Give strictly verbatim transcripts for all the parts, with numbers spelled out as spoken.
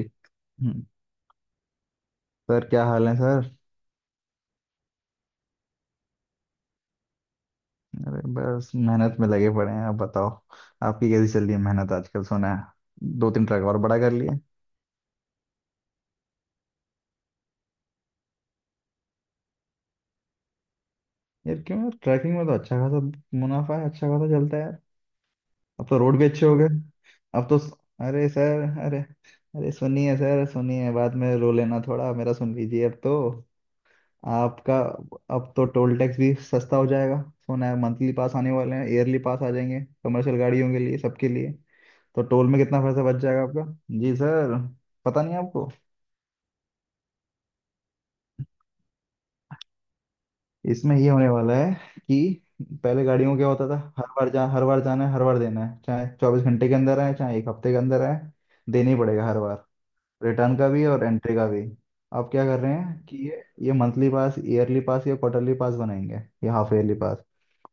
हम्म, sir क्या हाल है सर। अरे बस मेहनत में लगे पड़े हैं। आप बताओ, आपकी कैसी चल रही है मेहनत आजकल। सुना है दो तीन ट्रक और बड़ा कर लिए। यार क्यों यार, ट्रैकिंग में तो अच्छा खासा मुनाफा है, अच्छा खासा चलता है यार। अब तो रोड भी अच्छे हो गए। अब तो अरे सर, अरे। अरे सुनिए सर, सुनिए, बाद में रो लेना, थोड़ा मेरा सुन लीजिए। अब तो आपका, अब तो टोल टैक्स भी सस्ता हो जाएगा। सुना है मंथली पास आने वाले हैं, ईयरली पास आ जाएंगे कमर्शियल गाड़ियों के लिए, सबके लिए। तो टोल में कितना पैसा बच जाएगा आपका? जी सर। पता नहीं आपको। इसमें ये होने वाला है कि पहले गाड़ियों में क्या होता था, हर बार जा हर बार जाना है, हर बार देना है, चाहे चौबीस घंटे के अंदर आए, चाहे एक हफ्ते के अंदर आए। देना ही पड़ेगा हर बार, रिटर्न का भी और एंट्री का भी। आप क्या कर रहे हैं कि ये ये मंथली पास, ईयरली पास या क्वार्टरली पास बनाएंगे, या हाफ ईयरली पास।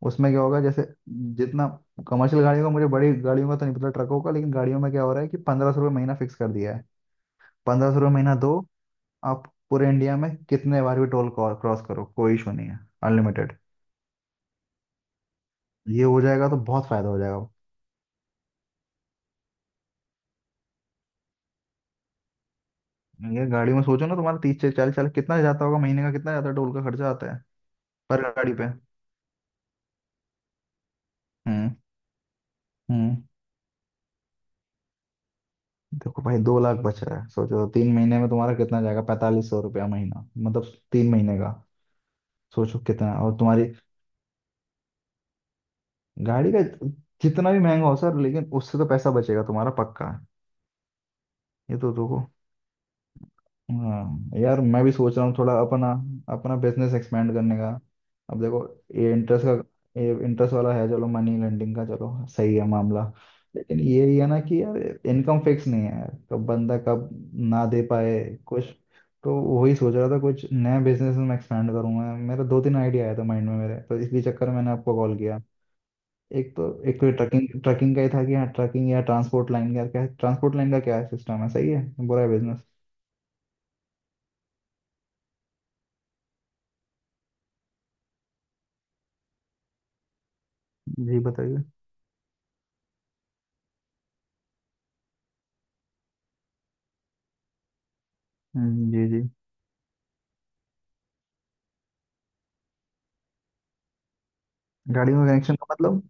उसमें क्या होगा, जैसे जितना कमर्शियल गाड़ियों का, मुझे बड़ी गाड़ियों का तो नहीं पता, ट्रकों का, लेकिन गाड़ियों में क्या हो रहा है कि पंद्रह सौ रुपये महीना फिक्स कर दिया है। पंद्रह सौ रुपये महीना दो, आप पूरे इंडिया में कितने बार भी टोल क्रॉस करो, कोई इशू नहीं है, अनलिमिटेड। ये हो जाएगा तो बहुत फायदा हो जाएगा। ये गाड़ी में सोचो ना, तुम्हारा तीस से चालीस, चालीस कितना जाता होगा महीने का, कितना जाता है टोल का खर्चा आता है पर गाड़ी पे। हम्म। हम्म। देखो भाई, दो लाख बच रहा है, सोचो तीन महीने में तुम्हारा कितना जाएगा। पैंतालीस सौ रुपया महीना मतलब तीन महीने का। सोचो कितना, और तुम्हारी गाड़ी का जितना भी महंगा हो सर, लेकिन उससे तो पैसा बचेगा तुम्हारा, पक्का है। ये तो देखो। हाँ यार, मैं भी सोच रहा हूँ थोड़ा अपना, अपना बिजनेस एक्सपेंड करने का। अब देखो, ये इंटरेस्ट का, ये इंटरेस्ट वाला है, चलो मनी लेंडिंग का, चलो सही है मामला। लेकिन ये ही है ना कि यार, इनकम फिक्स नहीं है यार, कब बंदा कब ना दे पाए कुछ। तो वही सोच रहा था कुछ नया बिजनेस में एक्सपेंड करूंगा। मेरा दो तीन आइडिया आया था माइंड में मेरे, तो इसी चक्कर में मैंने आपको कॉल किया। एक तो, एक तो ट्रकिंग ट्रकिंग का ही था, कि हाँ ट्रकिंग या ट्रांसपोर्ट लाइन का क्या, ट्रांसपोर्ट लाइन का क्या सिस्टम है, सही है, बुरा है बिजनेस। जी बताइए। हम्म, जी जी। गाड़ी में कनेक्शन का मतलब?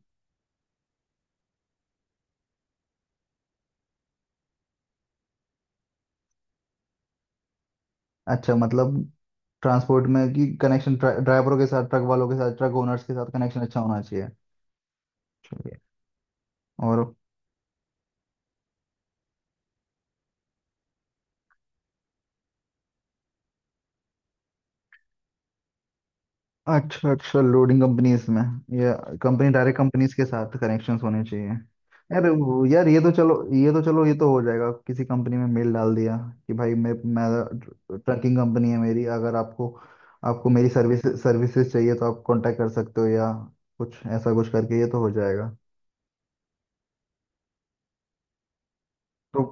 अच्छा, मतलब ट्रांसपोर्ट में कि कनेक्शन ड्राइवरों के साथ, ट्रक वालों के साथ, ट्रक ओनर्स के साथ कनेक्शन अच्छा होना चाहिए। चलिए। और अच्छा, अच्छा लोडिंग कंपनीज में, या कंपनी, डायरेक्ट कंपनीज के साथ कनेक्शंस होने चाहिए। यार वो- यार, ये तो चलो, ये तो चलो, ये तो हो जाएगा। किसी कंपनी में मेल डाल दिया कि भाई, मैं मैं ट्रकिंग कंपनी है मेरी, अगर आपको, आपको मेरी सर्विस, सर्विसेज चाहिए तो आप कांटेक्ट कर सकते हो, या कुछ ऐसा कुछ करके ये तो हो जाएगा। तो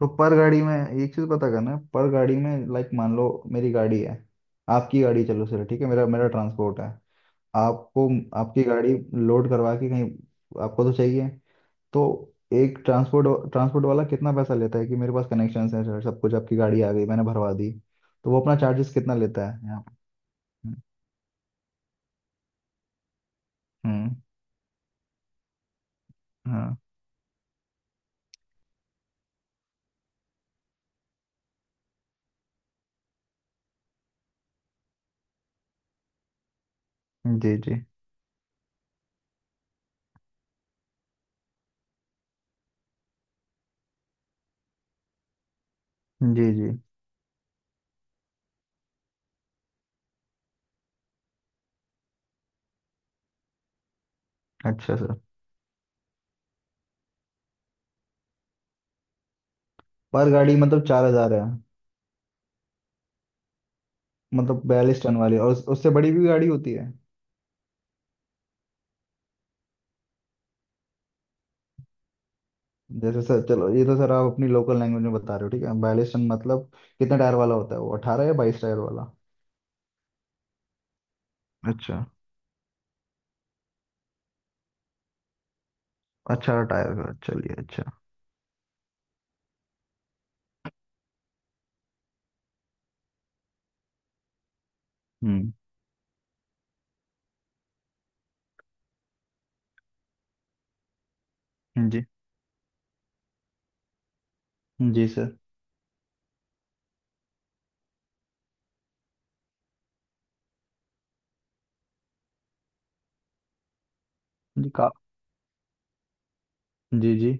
तो पर गाड़ी में एक चीज पता करना है। पर गाड़ी में लाइक मान लो मेरी गाड़ी है, आपकी गाड़ी, चलो चलो ठीक है, मेरा मेरा ट्रांसपोर्ट है, आपको, आपकी गाड़ी लोड करवा के कहीं आपको तो चाहिए, तो एक ट्रांसपोर्ट ट्रांसपोर्ट वाला कितना पैसा लेता है, कि मेरे पास कनेक्शन है सर, सब कुछ, आपकी गाड़ी आ गई, मैंने भरवा दी, तो वो अपना चार्जेस कितना लेता है यहाँ पे? हम्म। हम्म, हाँ। जी जी। जी जी। अच्छा सर। पर गाड़ी मतलब चार हजार है। मतलब बयालीस टन वाली, और उस- उससे बड़ी भी गाड़ी होती है। जैसे सर, चलो ये तो सर आप अपनी लोकल लैंग्वेज में बता रहे हो, ठीक है, बाइलिस टन मतलब कितने टायर वाला होता है वो, अठारह या बाईस टायर वाला? अच्छा। अठारह टायर का, चलिए। अच्छा। हम्म, जी जी सर। जी का। जी जी।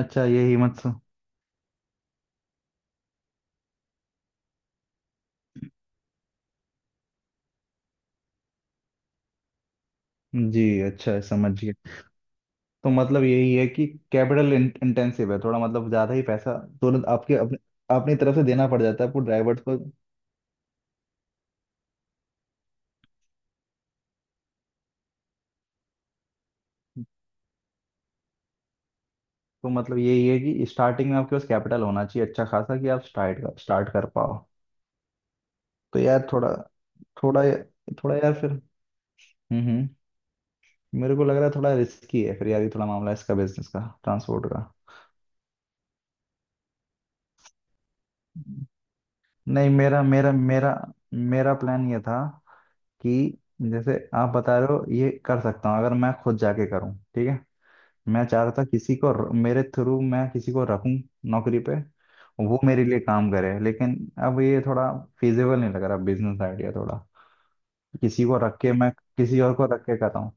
अच्छा, ये हिम्मत स-। जी। अच्छा समझ गए। तो मतलब यही है कि कैपिटल इंटेंसिव है थोड़ा, मतलब ज़्यादा ही पैसा तुरंत आपके अपने, अपनी तरफ से देना पड़ जाता है आपको, ड्राइवर्स को। तो मतलब यही है कि स्टार्टिंग में आपके पास कैपिटल होना चाहिए अच्छा खासा, कि आप स्टार्ट कर स्टार्ट कर पाओ। तो यार थोड़ा, थोड़ा, थोड़ा यार फिर। हम्म हम्म। मेरे को लग रहा है थोड़ा रिस्की है फिर यार ये, थोड़ा मामला इसका बिजनेस का, ट्रांसपोर्ट का। नहीं, मेरा मेरा मेरा मेरा प्लान ये था कि जैसे आप बता रहे हो, ये कर सकता हूँ अगर मैं खुद जाके करूँ, ठीक है। मैं चाह रहा था किसी को र- मेरे थ्रू मैं किसी को रखूँ नौकरी पे, वो मेरे लिए काम करे, लेकिन अब ये थोड़ा फिजिबल नहीं लग रहा बिजनेस आइडिया थोड़ा। किसी को रख के मैं, किसी और को रख के कर रहा हूँ।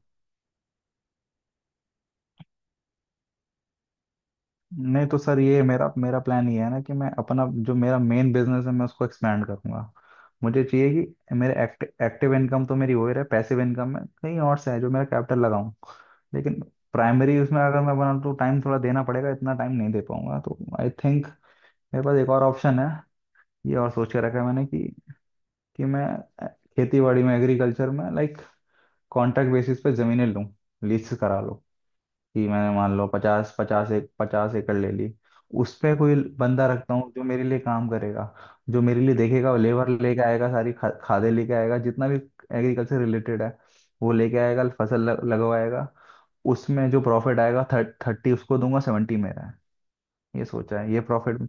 नहीं तो सर, ये मेरा मेरा प्लान ये है ना कि मैं अपना, जो मेरा मेन बिजनेस है मैं उसको एक्सपेंड करूंगा। मुझे चाहिए कि मेरे एक्टिव इनकम तो मेरी हो ही रहा है, पैसिव इनकम में कहीं और से है, जो मेरा कैपिटल लगाऊं। लेकिन प्राइमरी उसमें अगर मैं बनाऊं तो टाइम थोड़ा देना पड़ेगा, इतना टाइम नहीं दे पाऊंगा, तो आई थिंक मेरे पास एक और ऑप्शन है। ये और सोच के रखा है मैंने कि कि मैं खेती बाड़ी में, एग्रीकल्चर में लाइक कॉन्ट्रैक्ट बेसिस पे ज़मीनें लूँ, लीज करा लूं। कि मैंने मान लो पचास, पचास एक पचास एकड़ ले ली। उसमें कोई बंदा रखता हूँ जो मेरे लिए काम करेगा, जो मेरे लिए देखेगा, लेबर लेके आएगा, सारी खा, खादे लेके आएगा जितना भी एग्रीकल्चर रिलेटेड है। वो लेके आएगा, फसल लग, लगवाएगा। उसमें जो प्रॉफिट आएगा थर्टी उसको दूंगा, सेवेंटी मेरा है। ये सोचा है ये प्रॉफिट।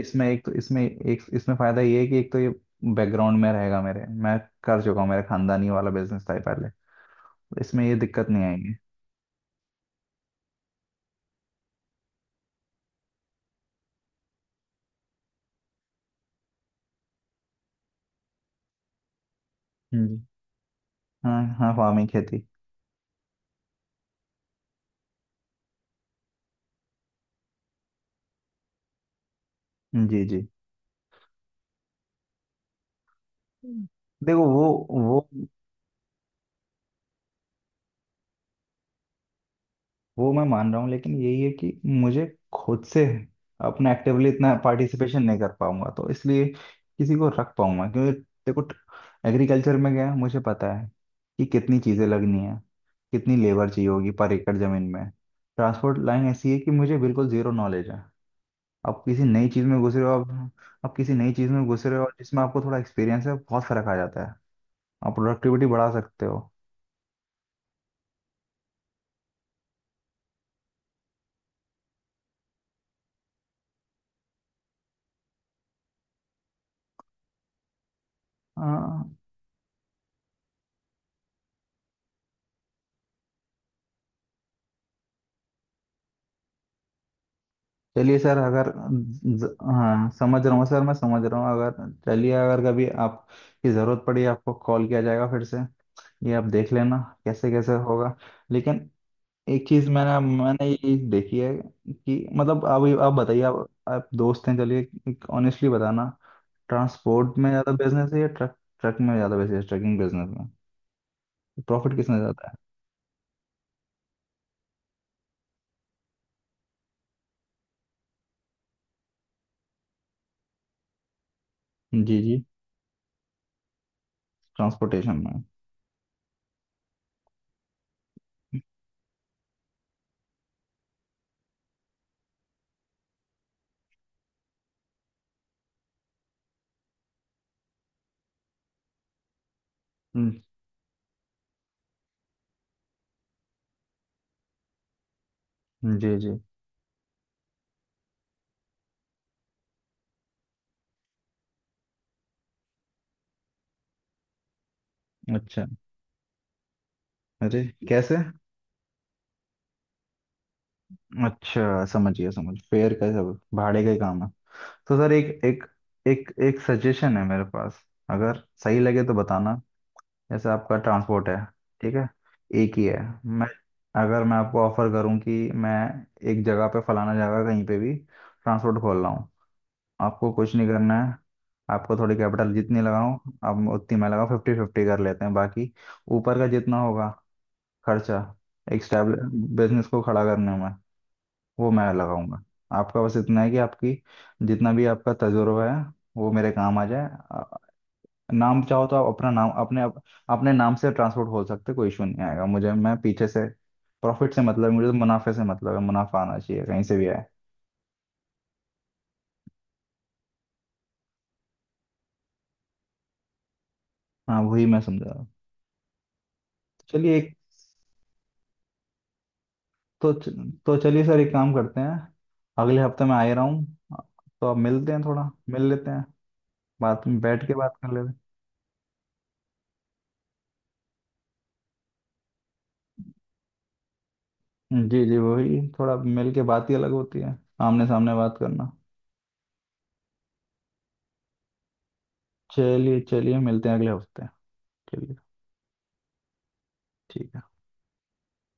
इसमें एक तो, इसमें एक, इसमें फायदा ये है कि एक तो ये बैकग्राउंड में रहेगा मेरे, मैं कर चुका हूँ, मेरे खानदानी वाला बिजनेस था ये पहले। इसमें ये दिक्कत नहीं आएगी। हम्म। हाँ हाँ, फार्मिंग, खेती। जी जी। हम्म। देखो वो वो वो मैं मान रहा हूँ, लेकिन यही है कि मुझे खुद से अपना एक्टिवली इतना पार्टिसिपेशन नहीं कर पाऊंगा, तो इसलिए किसी को रख पाऊंगा, क्योंकि देखो एग्रीकल्चर में क्या है मुझे पता है कि कितनी चीज़ें लगनी है, कितनी लेबर चाहिए होगी पर एकड़ ज़मीन में। ट्रांसपोर्ट लाइन ऐसी है कि मुझे बिल्कुल ज़ीरो नॉलेज है। आप किसी नई चीज़ में घुस रहे हो आप आप किसी नई चीज़ में घुस रहे हो, और जिसमें आपको थोड़ा एक्सपीरियंस है बहुत फ़र्क आ जाता है। आप प्रोडक्टिविटी बढ़ा सकते हो। हाँ, चलिए सर, अगर ज- हाँ समझ रहा हूँ सर, मैं समझ रहा हूँ, अगर चलिए, अगर कभी आप की ज़रूरत पड़ी आपको कॉल किया जाएगा फिर से, ये आप देख लेना कैसे कैसे होगा। लेकिन एक चीज़ मैंने मैंने ये देखी है कि, मतलब आप आप बताइए, आप आप दोस्त हैं, चलिए ऑनेस्टली बताना। ट्रांसपोर्ट में ज़्यादा बिजनेस है या ट्रक ट्रक में ज़्यादा बिजनेस, ट्रकिंग बिजनेस में प्रॉफिट किसमें ज़्यादा है? जी जी। ट्रांसपोर्टेशन में। हम्म, जी जी। अच्छा। अरे कैसे? अच्छा समझ गया, समझ, फेयर का, सब भाड़े का ही काम है। तो सर एक एक, एक एक सजेशन है मेरे पास, अगर सही लगे तो बताना। जैसे आपका ट्रांसपोर्ट है, ठीक है, एक ही है। मैं, अगर मैं आपको ऑफर करूं कि मैं एक जगह पे फलाना जगह कहीं पे भी ट्रांसपोर्ट खोल रहा हूँ। आपको कुछ नहीं करना है, आपको थोड़ी कैपिटल जितनी लगाऊं, अब उतनी मैं लगाऊं, फिफ्टी फिफ्टी कर लेते हैं बाकी ऊपर का जितना होगा खर्चा, एक स्टेबल बिजनेस को खड़ा करने में वो मैं लगाऊंगा। आपका बस इतना है कि आपकी, जितना भी आपका तजुर्बा है वो मेरे काम आ जाए। आ, नाम चाहो तो आप अपना नाम अपने अप, अपने नाम से ट्रांसपोर्ट खोल सकते हो, कोई इशू नहीं आएगा, मुझे मैं पीछे से प्रॉफिट से मतलब है, मुझे तो मुनाफे से मतलब है, मुनाफा आना चाहिए कहीं से भी आए। हाँ वही मैं समझा रहा हूँ। चलिए एक, तो तो चलिए सर एक काम करते हैं। अगले हफ्ते मैं आ ही रहा हूँ, तो आप मिलते हैं, थोड़ा मिल लेते हैं। बात में बैठ के बात कर लेते हैं, जी जी, वही थोड़ा मिल के बात ही अलग होती है, आमने सामने बात करना। चलिए चलिए मिलते हैं अगले हफ्ते के लिए। ठीक है।